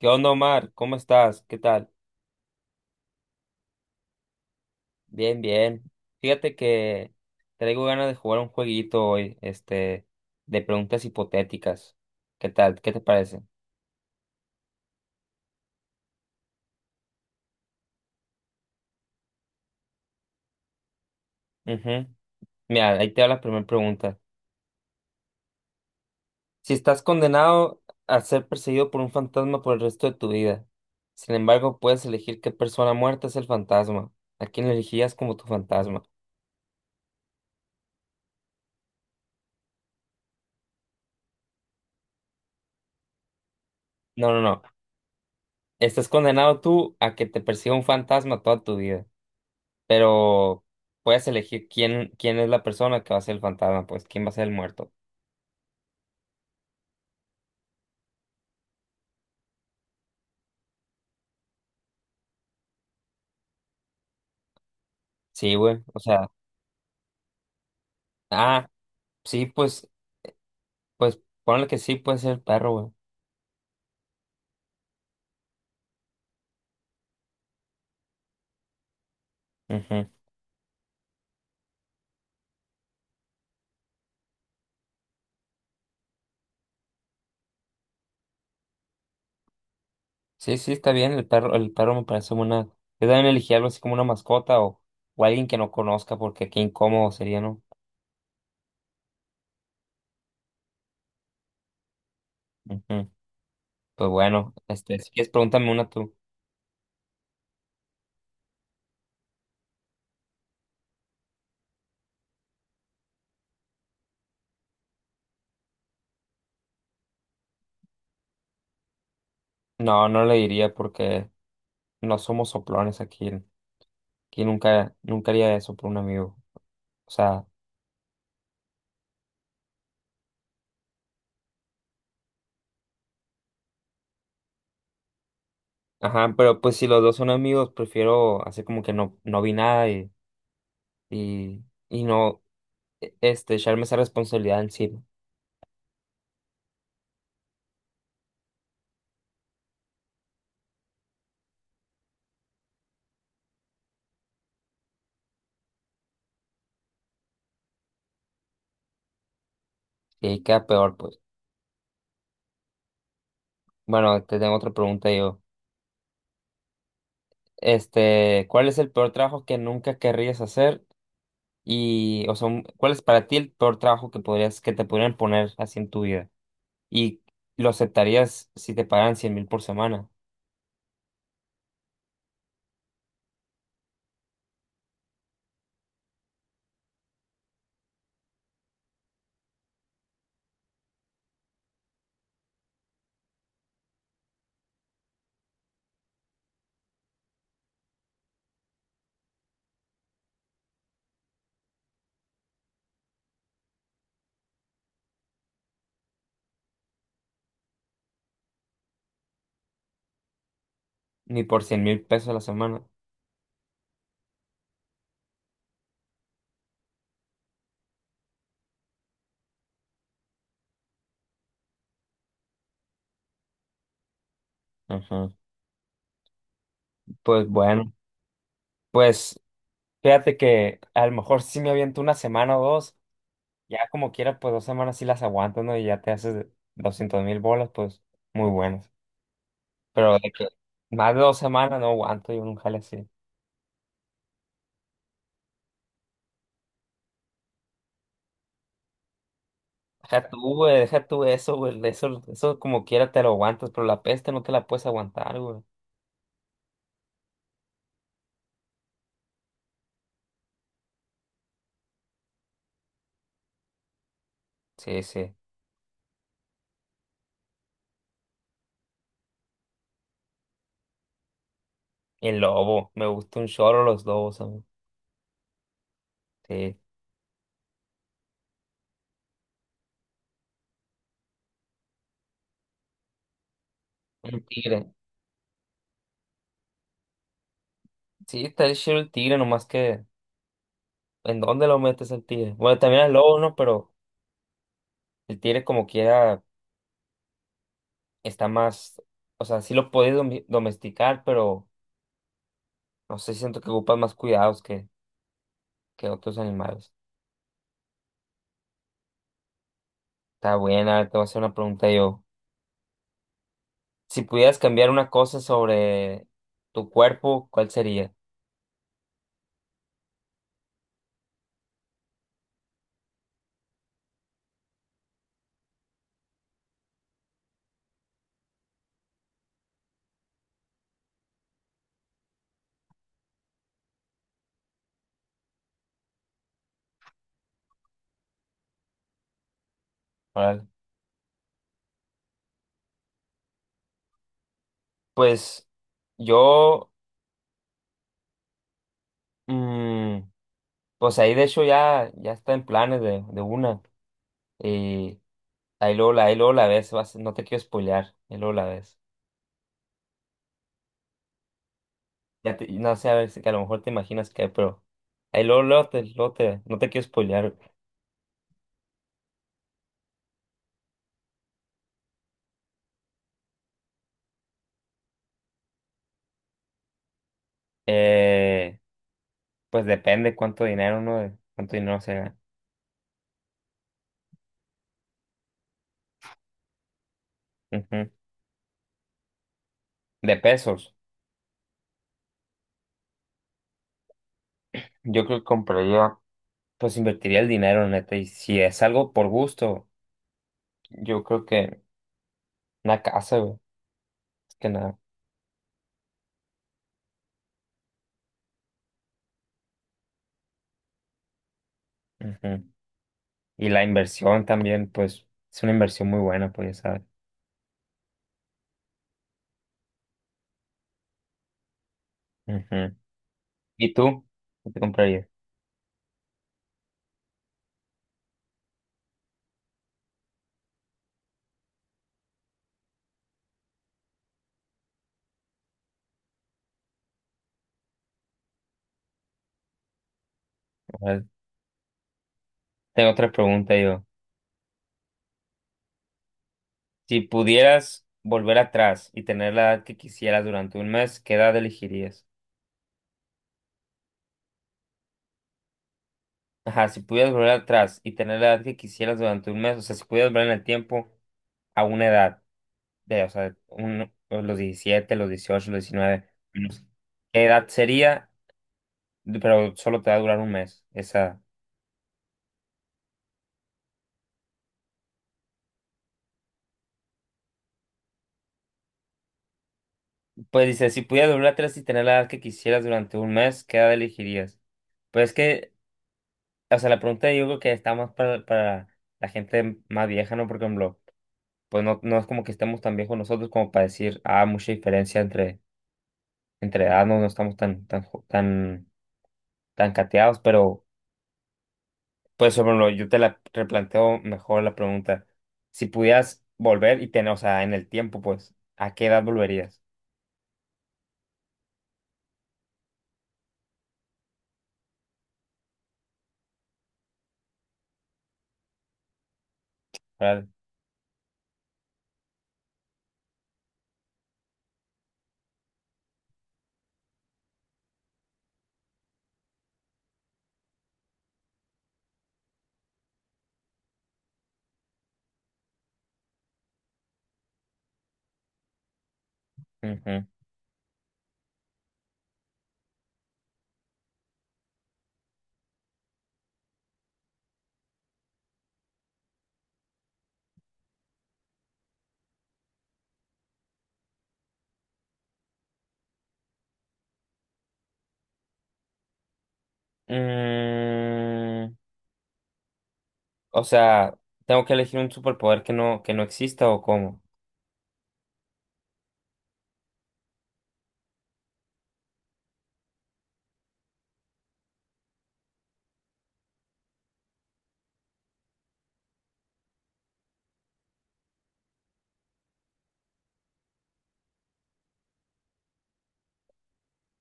¿Qué onda, Omar? ¿Cómo estás? ¿Qué tal? Bien, bien. Fíjate que traigo ganas de jugar un jueguito hoy, de preguntas hipotéticas. ¿Qué tal? ¿Qué te parece? Ujú. Mira, ahí te va la primera pregunta. Si estás condenado a ser perseguido por un fantasma por el resto de tu vida, sin embargo, puedes elegir qué persona muerta es el fantasma. ¿A quién elegirías como tu fantasma? No, no, no. Estás condenado tú a que te persiga un fantasma toda tu vida. Pero puedes elegir quién es la persona que va a ser el fantasma, pues, quién va a ser el muerto. Sí, güey. O sea, ah, sí, pues, ponle que sí puede ser el perro, güey. Ujú. Sí, sí, está bien, el perro me parece una. Yo también elegí algo así como una mascota o alguien que no conozca, porque qué incómodo sería, ¿no? Ujú. Pues bueno, si quieres, pregúntame una tú. No, no le diría porque no somos soplones aquí. Aquí nunca, nunca haría eso por un amigo. O sea. Ajá, pero pues si los dos son amigos, prefiero hacer como que no, no vi nada y, y no echarme esa responsabilidad encima. Y ahí queda peor, pues. Bueno, te tengo otra pregunta yo. ¿Cuál es el peor trabajo que nunca querrías hacer? Y, o sea, ¿cuál es para ti el peor trabajo que podrías, que te podrían poner así en tu vida? Y lo aceptarías si te pagaran 100,000 por semana, ni por 100,000 pesos a la semana. Ajá. Pues bueno. Pues fíjate que a lo mejor sí me aviento una semana o dos, ya como quiera, pues 2 semanas sí las aguanto, ¿no? Y ya te haces 200,000 bolas, pues muy buenas. Pero de que más de 2 semanas no aguanto yo un jale así. Deja tú, güey, deja tú eso, güey, eso como quiera te lo aguantas, pero la peste no te la puedes aguantar, güey. Sí, sí. Y el lobo, me gusta un chorro los lobos, a mí. Sí. El tigre. Sí, está el chido el tigre, nomás que ¿en dónde lo metes el tigre? Bueno, también el lobo, ¿no? Pero el tigre como quiera. Está más, o sea, sí lo puedes domesticar, pero no sé, siento que ocupas más cuidados que otros animales. Está buena, te voy a hacer una pregunta yo. Si pudieras cambiar una cosa sobre tu cuerpo, ¿cuál sería? Órale. Pues yo, mm, pues ahí de hecho ya, está en planes de una. Y ahí luego la ves, no te quiero spoilear, ahí luego la ves. No sé, a ver, si que a lo mejor te imaginas qué, pero ahí no te quiero spoilear. Eh, pues depende cuánto dinero se gana. Ujú. De pesos. Yo creo que compraría, pues invertiría el dinero, neta. Y si es algo por gusto, yo creo que una casa, güey. Es que nada. Ujú. Y la inversión también, pues, es una inversión muy buena, pues ya sabes. Ujú. ¿Y tú? ¿Qué te comprarías? A ver, tengo otra pregunta yo. Si pudieras volver atrás y tener la edad que quisieras durante un mes, ¿qué edad elegirías? Ajá, si pudieras volver atrás y tener la edad que quisieras durante un mes, o sea, si pudieras volver en el tiempo a una edad, de, o sea, los 17 los 18 los 19, unos- ¿qué edad sería? Pero solo te va a durar un mes, esa. Pues dice, si pudieras volver atrás y tener la edad que quisieras durante un mes, ¿qué edad elegirías? Pues es que, o sea, la pregunta yo creo que está más para la gente más vieja, ¿no? Por ejemplo, pues no, no es como que estemos tan viejos nosotros como para decir, ah, mucha diferencia entre edad no, no estamos tan cateados, pero pues sobre lo, yo te la replanteo mejor la pregunta. Si pudieras volver y tener, o sea, en el tiempo, pues, ¿a qué edad volverías? ¿Verdad? Ujú. Mm, o sea, ¿tengo que elegir un superpoder que no exista o cómo?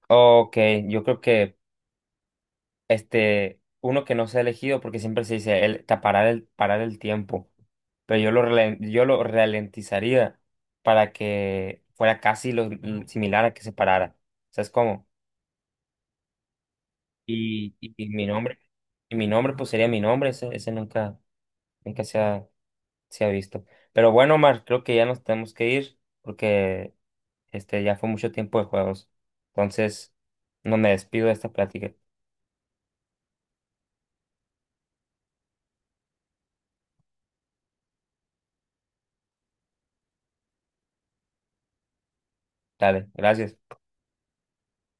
Ok, yo creo que uno que no se ha elegido porque siempre se dice el, ta- parar el tiempo, pero yo lo ralentizaría para que fuera casi lo similar a que se parara. ¿Sabes cómo? Y, y, y mi nombre, y mi nombre pues sería mi nombre, ese nunca, nunca se ha visto. Pero bueno, Omar, creo que ya nos tenemos que ir porque ya fue mucho tiempo de juegos. Entonces, no me despido de esta plática. Dale, gracias.